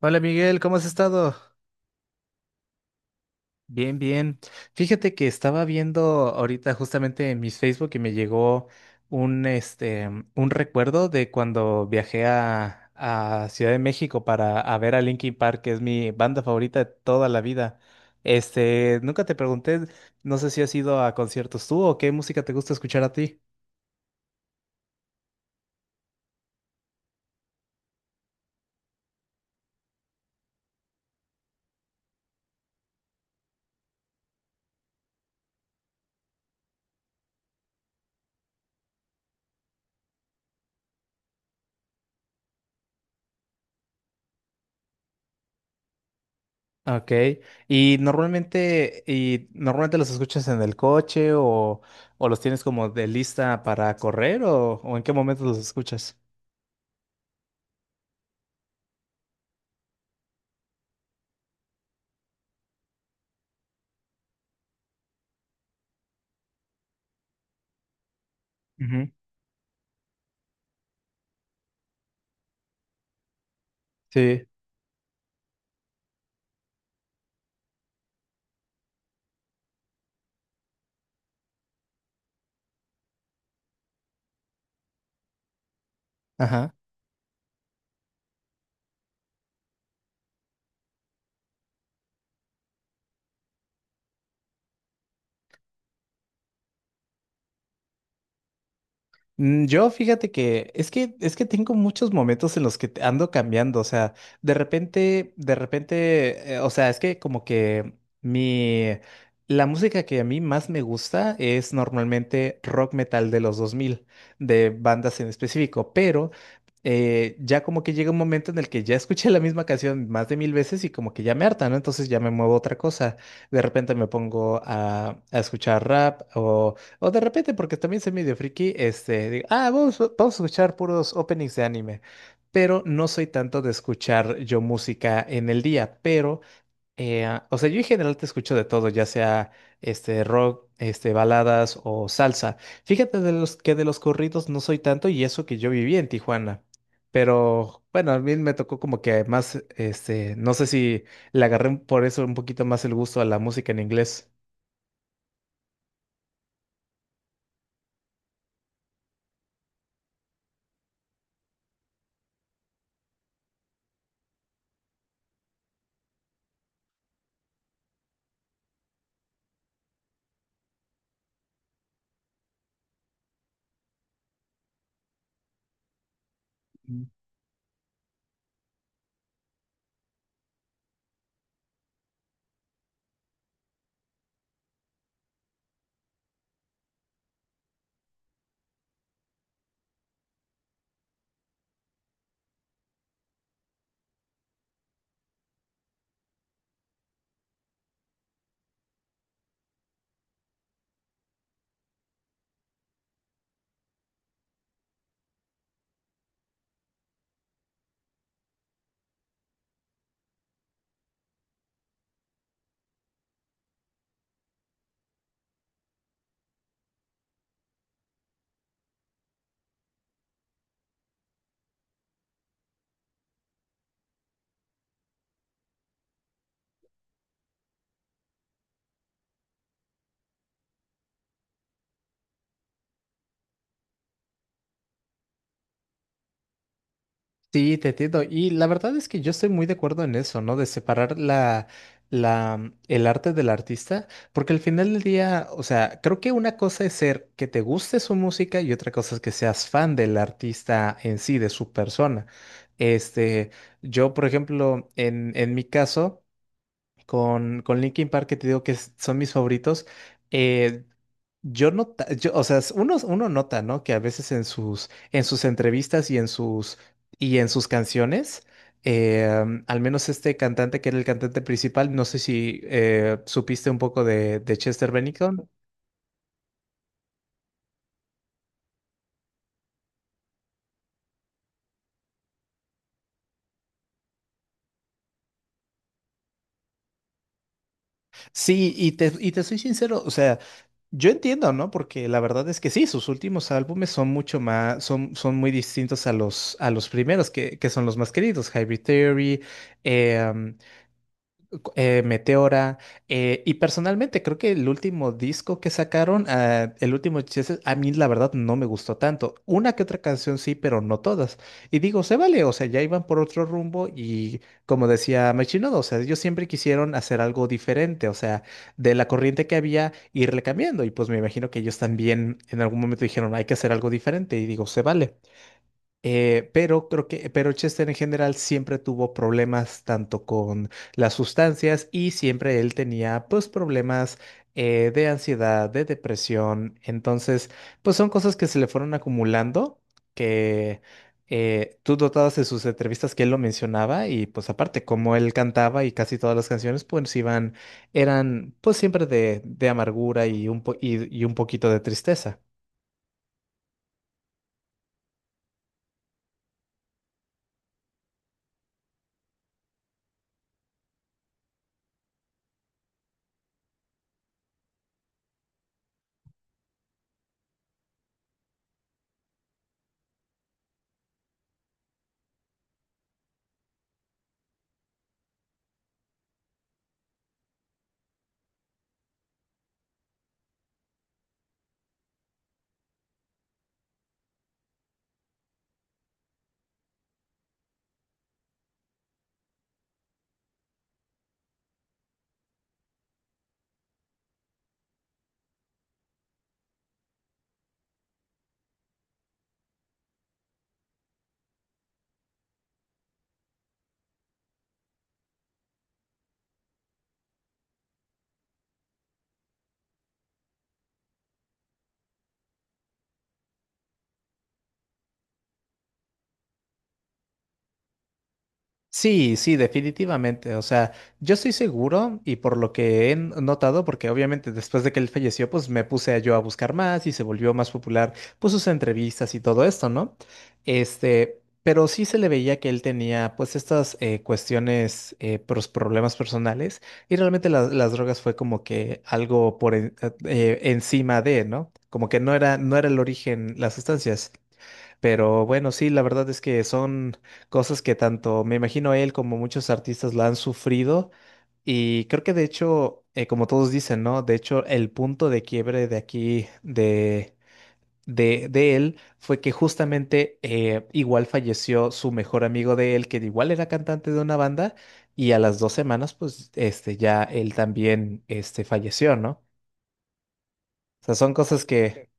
Hola Miguel, ¿cómo has estado? Bien, bien. Fíjate que estaba viendo ahorita justamente en mis Facebook y me llegó un, este, un recuerdo de cuando viajé a Ciudad de México para a ver a Linkin Park, que es mi banda favorita de toda la vida. Nunca te pregunté, no sé si has ido a conciertos tú o qué música te gusta escuchar a ti. Ok, y normalmente los escuchas en el coche o los tienes como de lista para correr o en qué momento los escuchas? Ujú. Sí, ajá. Yo fíjate que es que tengo muchos momentos en los que ando cambiando, o sea, de repente, o sea, es que como que mi la música que a mí más me gusta es normalmente rock metal de los 2000 de bandas en específico, pero ya como que llega un momento en el que ya escuché la misma canción más de 1000 veces y como que ya me harta, ¿no? Entonces ya me muevo a otra cosa. De repente me pongo a escuchar rap o de repente, porque también soy medio friki, digo, ah, vamos, vamos a escuchar puros openings de anime. Pero no soy tanto de escuchar yo música en el día, pero, o sea, yo en general te escucho de todo, ya sea rock, baladas o salsa. Fíjate que de los corridos no soy tanto y eso que yo viví en Tijuana. Pero bueno, a mí me tocó como que más, no sé si le agarré por eso un poquito más el gusto a la música en inglés. Sí, te entiendo. Y la verdad es que yo estoy muy de acuerdo en eso, ¿no? De separar el arte del artista, porque al final del día, o sea, creo que una cosa es ser que te guste su música y otra cosa es que seas fan del artista en sí, de su persona. Este, yo, por ejemplo, en mi caso. Con Linkin Park, que te digo que son mis favoritos, eh, o sea, uno nota, ¿no? Que a veces en sus entrevistas y y en sus canciones, al menos este cantante que era el cantante principal, no sé si supiste un poco de Chester Bennington. Sí, y te soy sincero, o sea, yo entiendo, ¿no? Porque la verdad es que sí, sus últimos álbumes son mucho más, son muy distintos a los primeros, que son los más queridos, Hybrid Theory, em, Meteora. Y personalmente creo que el último disco que sacaron, ah, el último Chises, a mí la verdad no me gustó tanto. Una que otra canción sí, pero no todas. Y digo, se vale, o sea, ya iban por otro rumbo y como decía Machinoda, o sea, ellos siempre quisieron hacer algo diferente, o sea, de la corriente que había, irle cambiando. Y pues me imagino que ellos también en algún momento dijeron, hay que hacer algo diferente. Y digo, se vale. Pero Chester en general siempre tuvo problemas tanto con las sustancias y siempre él tenía pues problemas de ansiedad, de depresión. Entonces, pues son cosas que se le fueron acumulando, que tú notabas en sus entrevistas que él lo mencionaba y pues aparte como él cantaba y casi todas las canciones pues iban, eran pues siempre de amargura y un poquito de tristeza. Sí, sí, definitivamente. O sea, yo estoy seguro y por lo que he notado, porque obviamente después de que él falleció, pues me puse a yo a buscar más y se volvió más popular, pues sus entrevistas y todo esto, ¿no? Pero sí se le veía que él tenía pues estas cuestiones, problemas personales y realmente las drogas fue como que algo por encima de, ¿no? Como que no era el origen las sustancias. Pero bueno, sí, la verdad es que son cosas que tanto me imagino él como muchos artistas la han sufrido y creo que de hecho, como todos dicen, ¿no? De hecho, el punto de quiebre de aquí, de él, fue que justamente igual falleció su mejor amigo de él, que igual era cantante de una banda y a las 2 semanas, pues, ya él también, falleció, ¿no? O sea, son cosas que.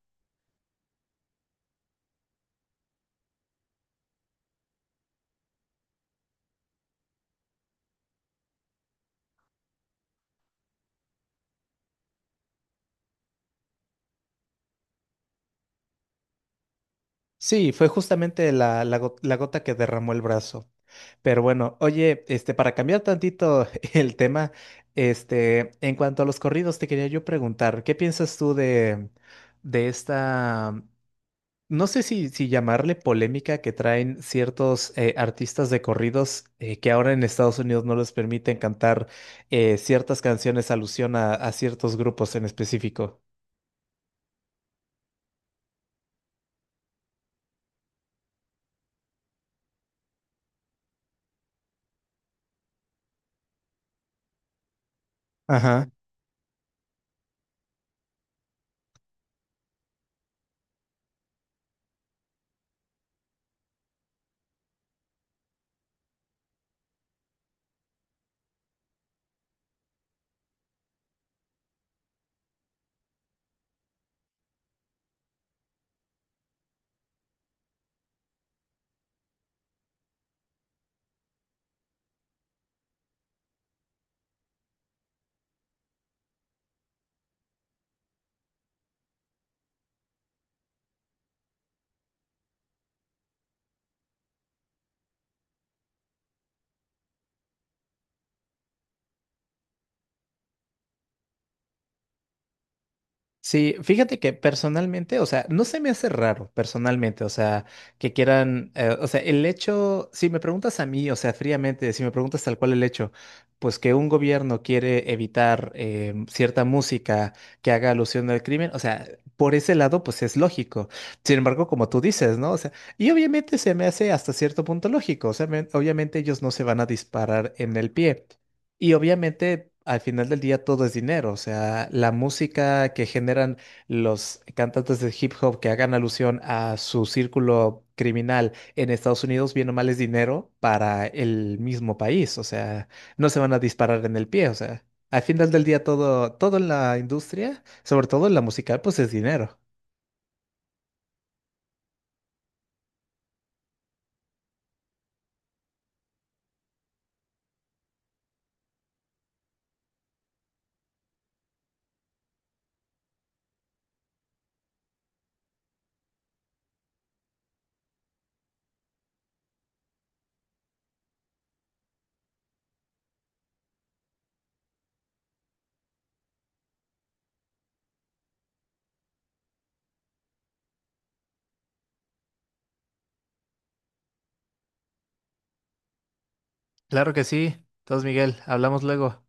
Sí, fue justamente la gota que derramó el brazo. Pero bueno, oye, para cambiar tantito el tema, en cuanto a los corridos, te quería yo preguntar, ¿qué piensas tú de esta, no sé si llamarle polémica que traen ciertos artistas de corridos que ahora en Estados Unidos no les permiten cantar ciertas canciones alusión a, ciertos grupos en específico? Sí, fíjate que personalmente, o sea, no se me hace raro personalmente, o sea, que quieran, o sea, el hecho, si me preguntas a mí, o sea, fríamente, si me preguntas tal cual el hecho, pues que un gobierno quiere evitar cierta música que haga alusión al crimen, o sea, por ese lado, pues es lógico. Sin embargo, como tú dices, ¿no? O sea, y obviamente se me hace hasta cierto punto lógico, o sea, obviamente ellos no se van a disparar en el pie. Y obviamente al final del día todo es dinero, o sea, la música que generan los cantantes de hip hop que hagan alusión a su círculo criminal en Estados Unidos, bien o mal es dinero para el mismo país, o sea, no se van a disparar en el pie, o sea, al final del día todo en la industria, sobre todo en la musical, pues es dinero. Claro que sí. Entonces, Miguel, hablamos luego.